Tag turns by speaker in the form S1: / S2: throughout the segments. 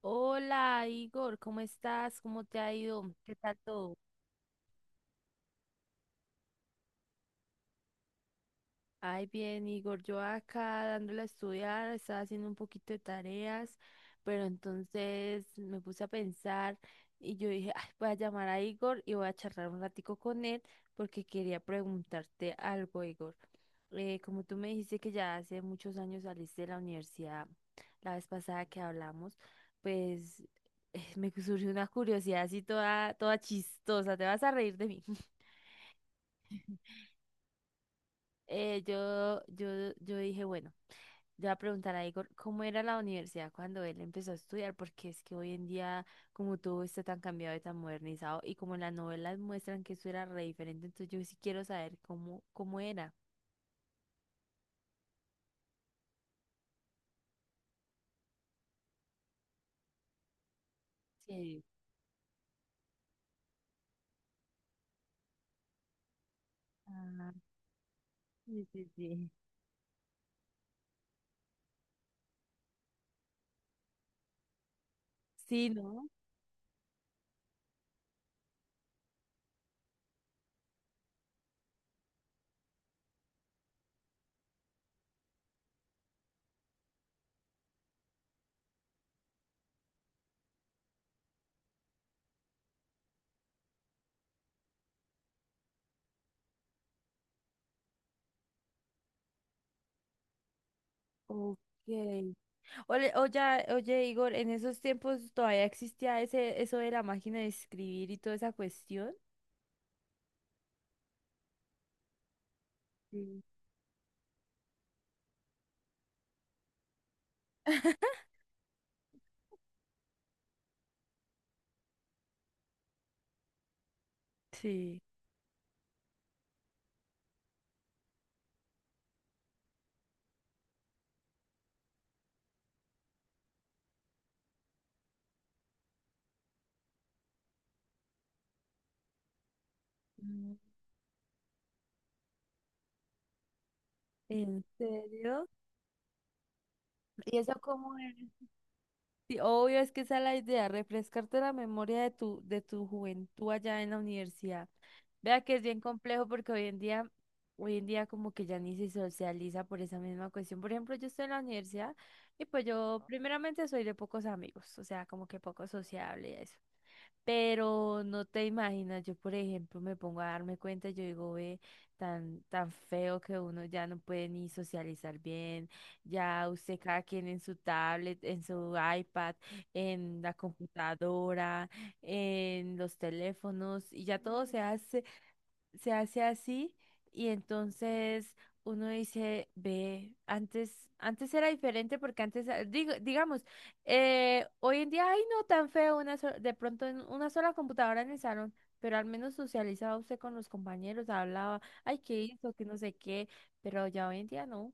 S1: Hola Igor, ¿cómo estás? ¿Cómo te ha ido? ¿Qué tal todo? Ay, bien, Igor, yo acá dándole a estudiar, estaba haciendo un poquito de tareas, pero entonces me puse a pensar y yo dije, ay, voy a llamar a Igor y voy a charlar un ratico con él porque quería preguntarte algo, Igor. Como tú me dijiste que ya hace muchos años saliste de la universidad, la vez pasada que hablamos, pues me surgió una curiosidad así toda, toda chistosa, te vas a reír de mí. Eh, yo, yo, yo dije, bueno, yo voy a preguntar a Igor cómo era la universidad cuando él empezó a estudiar, porque es que hoy en día, como todo está tan cambiado y tan modernizado, y como en las novelas muestran que eso era re diferente, entonces yo sí quiero saber cómo, cómo era. Sí. Ah, sí, sí, sí. Sí, ¿no? Ok. Oye, oye, Igor, ¿en esos tiempos todavía existía ese, eso de la máquina de escribir y toda esa cuestión? Sí. Sí. Mm. ¿En serio? ¿Y eso cómo es? Sí, obvio, es que esa es la idea, refrescarte la memoria de tu juventud allá en la universidad. Vea que es bien complejo porque hoy en día como que ya ni se socializa por esa misma cuestión. Por ejemplo, yo estoy en la universidad y pues yo primeramente soy de pocos amigos, o sea, como que poco sociable y eso. Pero no te imaginas, yo por ejemplo me pongo a darme cuenta, yo digo, ve, tan, tan feo que uno ya no puede ni socializar bien, ya usted cada quien en su tablet, en su iPad, en la computadora, en los teléfonos, y ya todo se hace así, y entonces uno dice, ve, antes, antes era diferente porque antes, ah, digo, digamos, hoy en día, ay, no tan feo, de pronto en una sola computadora en el salón, pero al menos socializaba usted con los compañeros, hablaba, ay, qué hizo, que no sé qué, pero ya hoy en día no.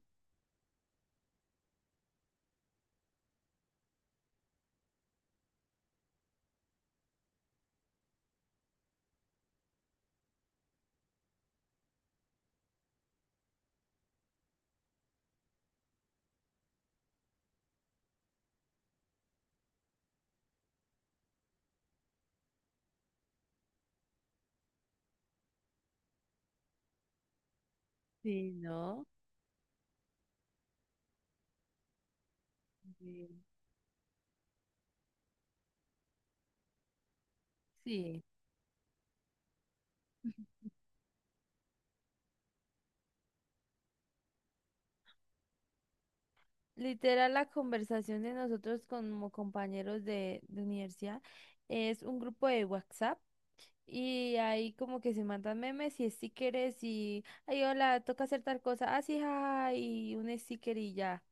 S1: Sí, no. Sí. Sí, literal, la conversación de nosotros como compañeros de universidad es un grupo de WhatsApp. Y ahí como que se mandan memes y stickers y, ay, hola, toca hacer tal cosa, así, jaja, y un sticker y ya.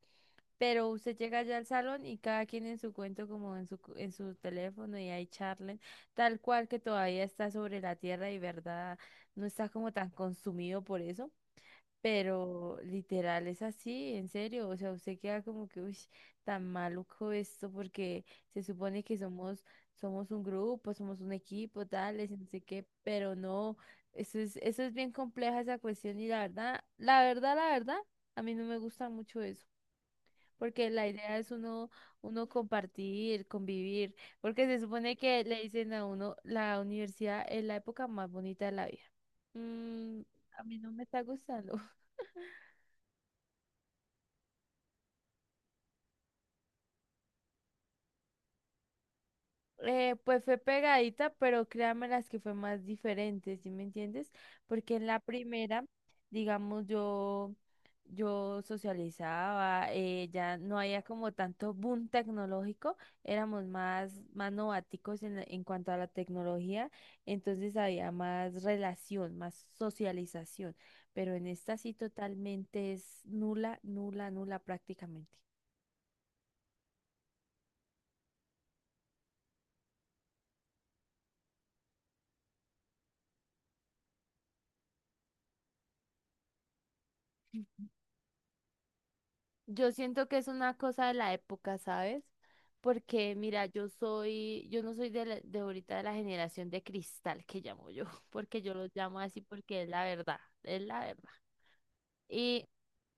S1: Pero usted llega ya al salón y cada quien en su cuento, como en su, en su teléfono y ahí charlen, tal cual que todavía está sobre la tierra y verdad, no está como tan consumido por eso. Pero literal es así, en serio. O sea, usted queda como que, uy, tan maluco esto, porque se supone que somos, somos un grupo, somos un equipo, tales, y no sé qué, pero no, eso es bien compleja esa cuestión, y la verdad, la verdad, la verdad, a mí no me gusta mucho eso. Porque la idea es uno, uno compartir, convivir, porque se supone que le dicen a uno, la universidad es la época más bonita de la vida. Mm, a mí no me está gustando. Pues fue pegadita, pero créanme las que fue más diferente, ¿sí me entiendes? Porque en la primera, digamos, yo socializaba, ya no había como tanto boom tecnológico, éramos más, más nováticos en cuanto a la tecnología, entonces había más relación, más socialización, pero en esta sí totalmente es nula, nula, nula prácticamente. Yo siento que es una cosa de la época, ¿sabes? Porque mira, yo soy, yo no soy de ahorita de la generación de cristal que llamo yo, porque yo los llamo así porque es la verdad, es la verdad. Y,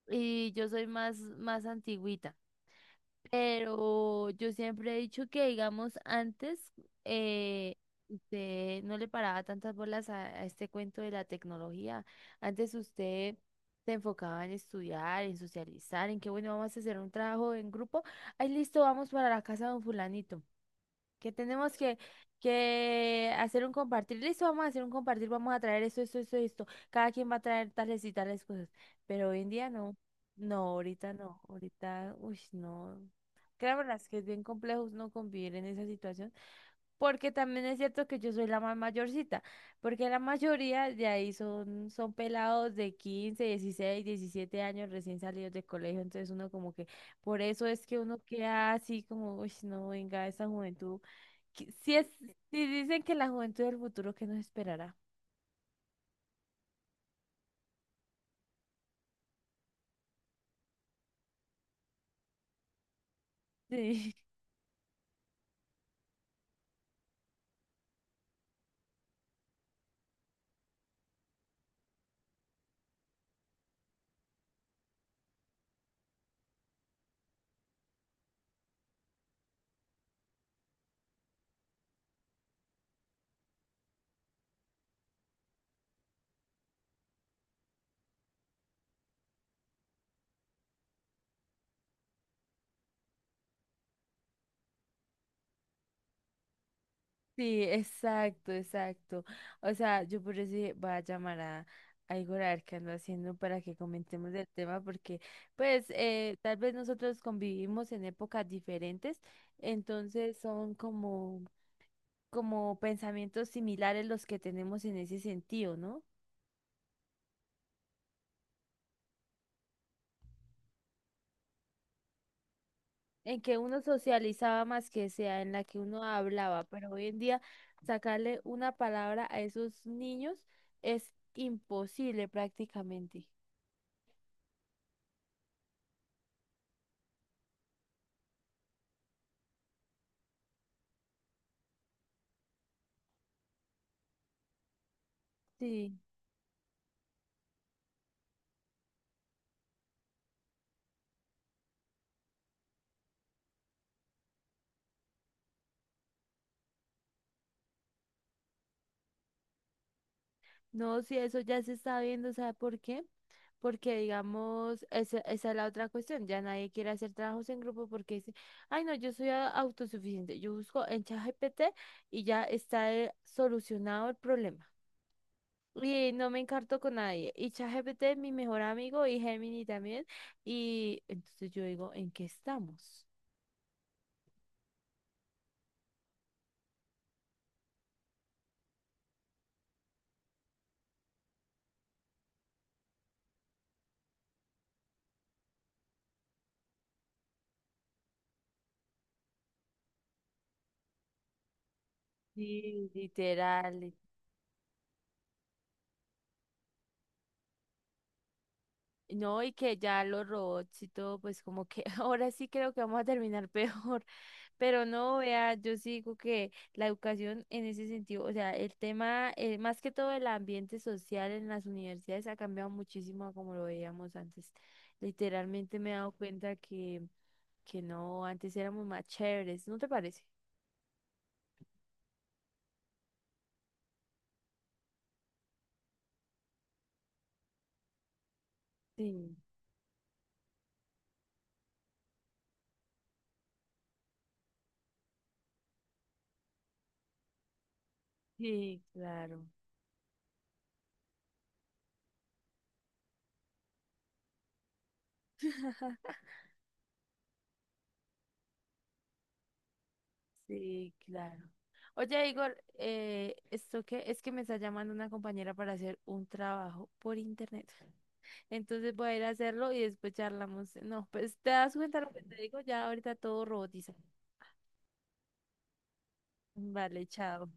S1: y yo soy más, más antigüita. Pero yo siempre he dicho que, digamos, antes eh, usted no le paraba tantas bolas a este cuento de la tecnología. Antes usted se enfocaba en estudiar, en socializar, en que, bueno, vamos a hacer un trabajo en grupo. Ahí listo, vamos para la casa de un fulanito que tenemos que hacer un compartir. Listo, vamos a hacer un compartir, vamos a traer esto, esto, esto, esto. Cada quien va a traer tales y tales cosas. Pero hoy en día no. No, ahorita no. Ahorita, uy, no. Créanme las que es bien complejo no convivir en esa situación. Porque también es cierto que yo soy la más mayorcita, porque la mayoría de ahí son, son pelados de 15, 16, 17 años recién salidos de colegio, entonces uno como que, por eso es que uno queda así como, uy, no, venga, esa juventud, si es, si dicen que la juventud del futuro, ¿qué nos esperará? Sí. Sí, exacto, exacto. O sea, yo por eso dije, voy a llamar a Igor a ver qué anda haciendo para que comentemos el tema, porque tal vez nosotros convivimos en épocas diferentes, entonces son como, como pensamientos similares los que tenemos en ese sentido, ¿no? En que uno socializaba más que sea, en la que uno hablaba, pero hoy en día sacarle una palabra a esos niños es imposible prácticamente. Sí. No, sí, eso ya se está viendo, ¿sabe por qué? Porque, digamos, esa es la otra cuestión, ya nadie quiere hacer trabajos en grupo porque dice, ay, no, yo soy autosuficiente, yo busco en ChatGPT y ya está, solucionado el problema. Y no me encarto con nadie. Y ChatGPT es mi mejor amigo y Gemini también. Y entonces yo digo, ¿en qué estamos? Sí, literal. No, y que ya los robots y todo, pues como que ahora sí creo que vamos a terminar peor. Pero no, vea, yo sí digo que la educación en ese sentido, o sea, el tema, más que todo el ambiente social en las universidades ha cambiado muchísimo a como lo veíamos antes. Literalmente me he dado cuenta que no, antes éramos más chéveres, ¿no te parece? Sí, sí, claro, sí, claro. Oye, Igor, ¿esto qué? Es que me está llamando una compañera para hacer un trabajo por internet. Entonces voy a ir a hacerlo y después charlamos. No, pues te das cuenta lo que te digo, ya ahorita todo robotizado. Vale, chao.